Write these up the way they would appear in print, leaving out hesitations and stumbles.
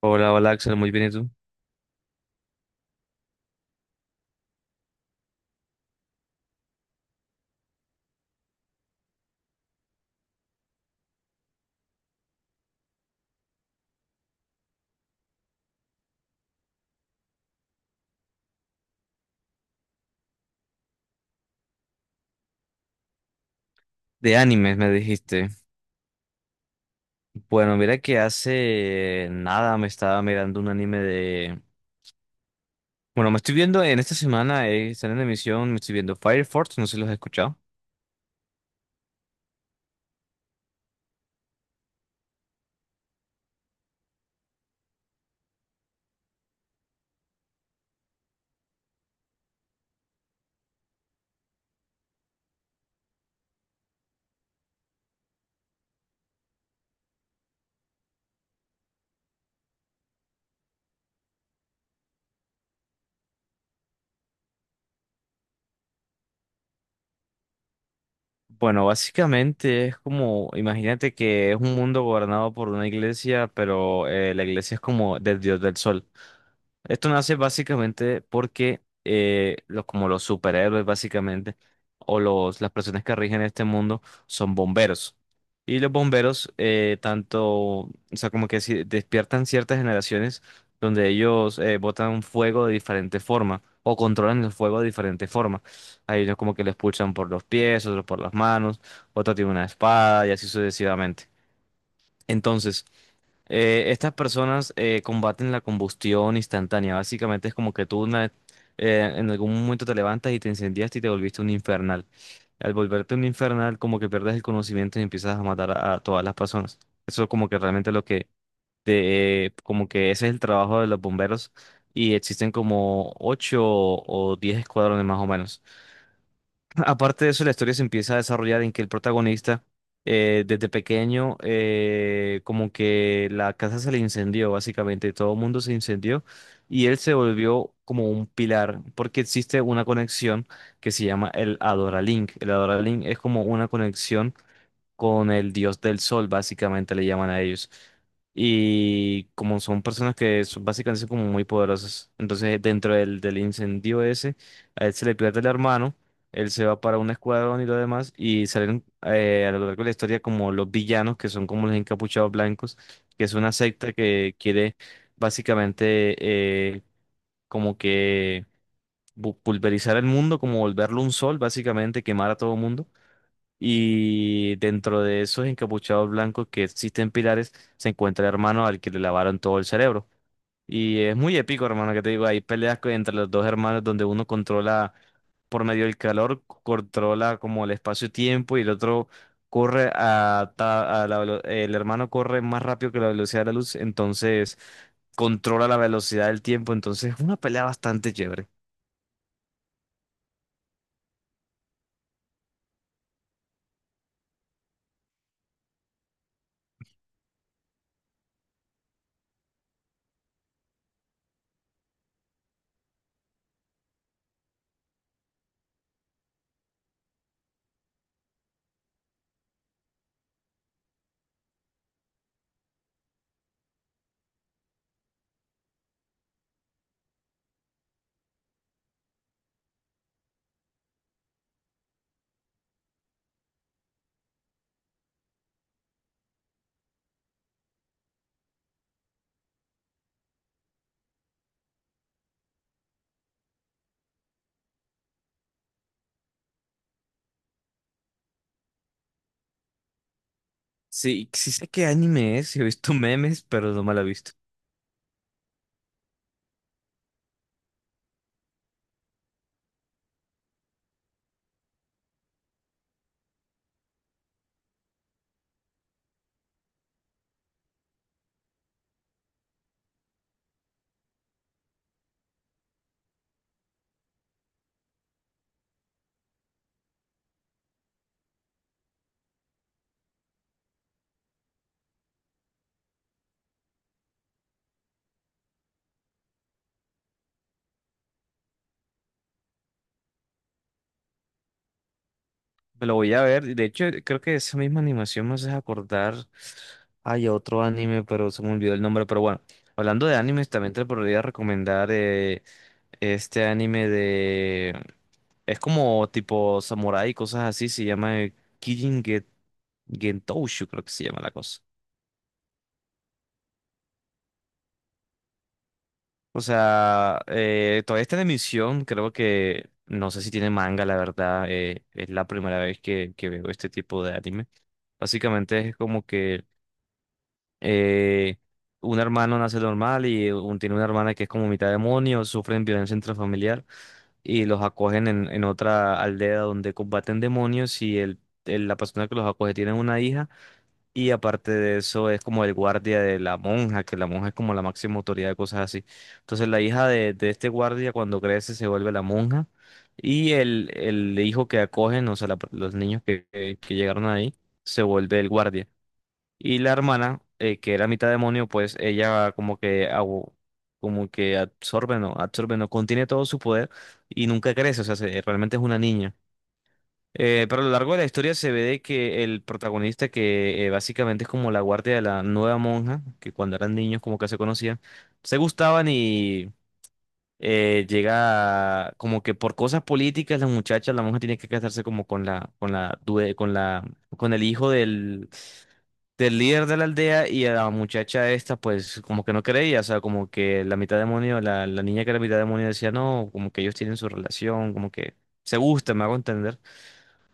Hola, hola Axel, muy bien, ¿y tú? De animes me dijiste. Bueno, mira que hace nada me estaba mirando un anime. Bueno, me estoy viendo en esta semana, están en emisión, me estoy viendo Fire Force, no sé si los has escuchado. Bueno, básicamente es como, imagínate que es un mundo gobernado por una iglesia, pero la iglesia es como del dios del sol. Esto nace básicamente porque como los superhéroes básicamente, o las personas que rigen este mundo son bomberos. Y los bomberos tanto, o sea, como que despiertan ciertas generaciones donde ellos botan fuego de diferente forma o controlan el fuego de diferente forma. Hay unos como que lo expulsan por los pies, otros por las manos, otro tiene una espada y así sucesivamente. Entonces, estas personas combaten la combustión instantánea. Básicamente es como que tú en algún momento te levantas y te incendiaste y te volviste un infernal. Al volverte un infernal, como que pierdes el conocimiento y empiezas a matar a todas las personas. Eso es como que realmente lo que como que ese es el trabajo de los bomberos y existen como ocho o diez escuadrones más o menos. Aparte de eso, la historia se empieza a desarrollar en que el protagonista, desde pequeño, como que la casa se le incendió, básicamente, todo el mundo se incendió y él se volvió como un pilar, porque existe una conexión que se llama el Adoralink. El Adoralink es como una conexión con el dios del sol, básicamente le llaman a ellos. Y como son personas que básicamente son como muy poderosas, entonces dentro del incendio ese, a él se le pierde el hermano, él se va para un escuadrón y lo demás, y salen a lo largo de la historia como los villanos, que son como los encapuchados blancos, que es una secta que quiere básicamente eh, como que pulverizar el mundo, como volverlo un sol, básicamente quemar a todo mundo. Y dentro de esos encapuchados blancos que existen pilares, se encuentra el hermano al que le lavaron todo el cerebro. Y es muy épico, hermano, que te digo, hay peleas que entre los dos hermanos donde uno controla por medio del calor, controla como el espacio-tiempo y el otro corre a, ta- a la velo- el hermano corre más rápido que la velocidad de la luz, entonces controla la velocidad del tiempo, entonces es una pelea bastante chévere. Sí, sí sé qué anime es, he visto memes, pero no me la he visto. Me lo voy a ver. De hecho, creo que esa misma animación me hace acordar. Hay otro anime, pero se me olvidó el nombre. Pero bueno, hablando de animes, también te podría recomendar este anime de. Es como tipo samurai y cosas así. Se llama Kijin Gentoushu, creo que se llama la cosa. O sea, todavía está en emisión. Creo que. No sé si tiene manga, la verdad. Es la primera vez que veo este tipo de anime. Básicamente es como que. eh, un hermano nace normal y tiene una hermana que es como mitad demonio, sufren violencia intrafamiliar y los acogen en otra aldea donde combaten demonios y la persona que los acoge tiene una hija y aparte de eso es como el guardia de la monja, que la monja es como la máxima autoridad de cosas así. Entonces la hija de este guardia cuando crece se vuelve la monja y el hijo que acogen, o sea, los niños que llegaron ahí, se vuelve el guardia. Y la hermana, que era mitad demonio, pues ella como que absorbe, no, contiene todo su poder y nunca crece, o sea, realmente es una niña. Pero a lo largo de la historia se ve de que el protagonista, que básicamente es como la guardia de la nueva monja, que cuando eran niños como que se conocían, se gustaban como que por cosas políticas la muchacha, la monja tiene que casarse como con la, due- con la, con el hijo del líder de la aldea y a la muchacha esta pues como que no creía, o sea, como que la mitad demonio, la niña que era mitad demonio decía no, como que ellos tienen su relación, como que se gusta, me hago entender.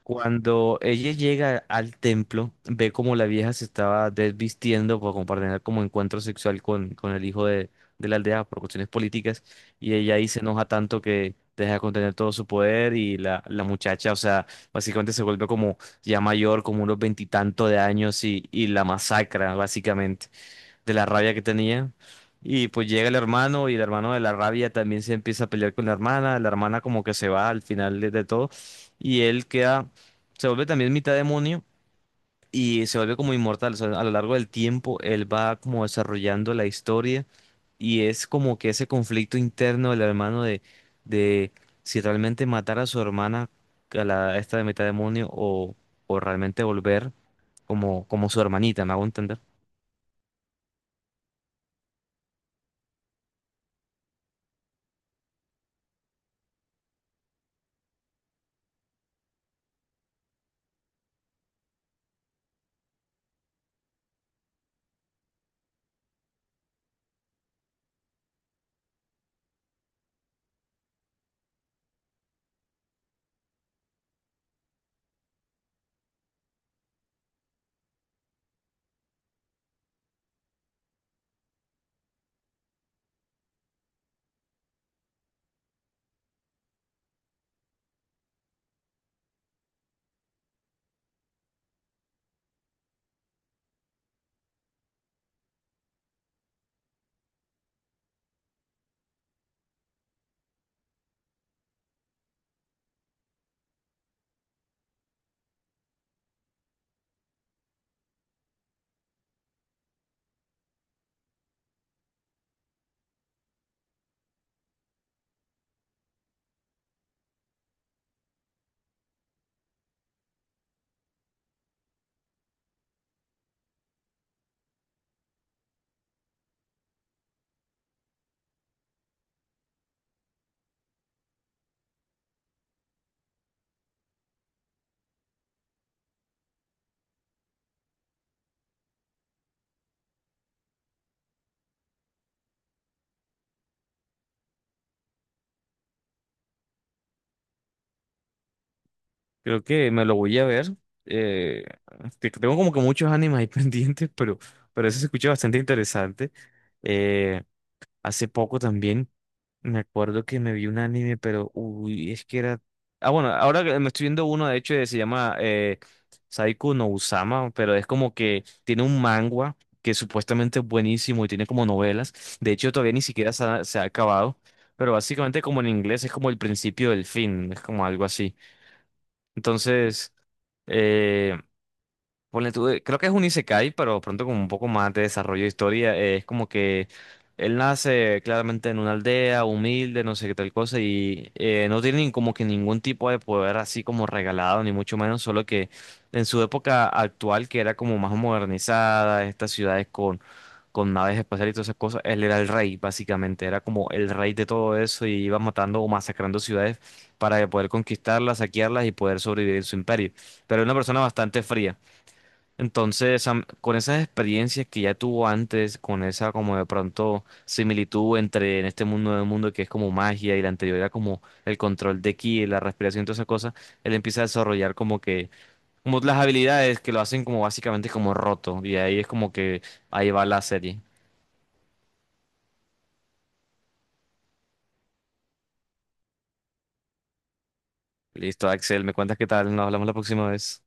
Cuando ella llega al templo, ve como la vieja se estaba desvistiendo para compartir como encuentro sexual con el hijo de la aldea por cuestiones políticas y ella ahí se enoja tanto que deja de contener todo su poder y la muchacha, o sea, básicamente se vuelve como ya mayor, como unos veintitantos de años y la masacra, básicamente de la rabia que tenía. Y pues llega el hermano y el hermano de la rabia también se empieza a pelear con la hermana como que se va al final de todo y él queda, se vuelve también mitad demonio y se vuelve como inmortal. O sea, a lo largo del tiempo él va como desarrollando la historia y es como que ese conflicto interno del hermano de si realmente matar a su hermana, a la, esta de mitad demonio o realmente volver como su hermanita, ¿me hago entender? Creo que me lo voy a ver. Eh, tengo como que muchos animes ahí pendientes, pero eso se escucha bastante interesante. Eh, hace poco también me acuerdo que me vi un anime, pero uy, es que era. Ah, bueno, ahora que me estoy viendo uno, de hecho, que se llama Saiko no Usama, pero es como que tiene un manga que supuestamente es buenísimo y tiene como novelas. De hecho, todavía ni siquiera se ha acabado, pero básicamente, como en inglés, es como el principio del fin, es como algo así. Entonces, eh, ponle tú, creo que es un isekai, pero pronto con un poco más de desarrollo de historia. Es como que él nace claramente en una aldea humilde, no sé qué tal cosa, y no tiene ni como que ningún tipo de poder así como regalado, ni mucho menos, solo que en su época actual, que era como más modernizada, estas ciudades con naves espaciales y todas esas cosas, él era el rey, básicamente, era como el rey de todo eso y iba matando o masacrando ciudades para poder conquistarlas, saquearlas y poder sobrevivir en su imperio. Pero era una persona bastante fría. Entonces, con esas experiencias que ya tuvo antes, con esa como de pronto similitud entre en este mundo nuevo mundo que es como magia y la anterior era como el control de ki, la respiración y toda esa cosa, él empieza a desarrollar como que como las habilidades que lo hacen como básicamente como roto y ahí es como que ahí va la serie. Listo, Axel, me cuentas qué tal, nos hablamos la próxima vez.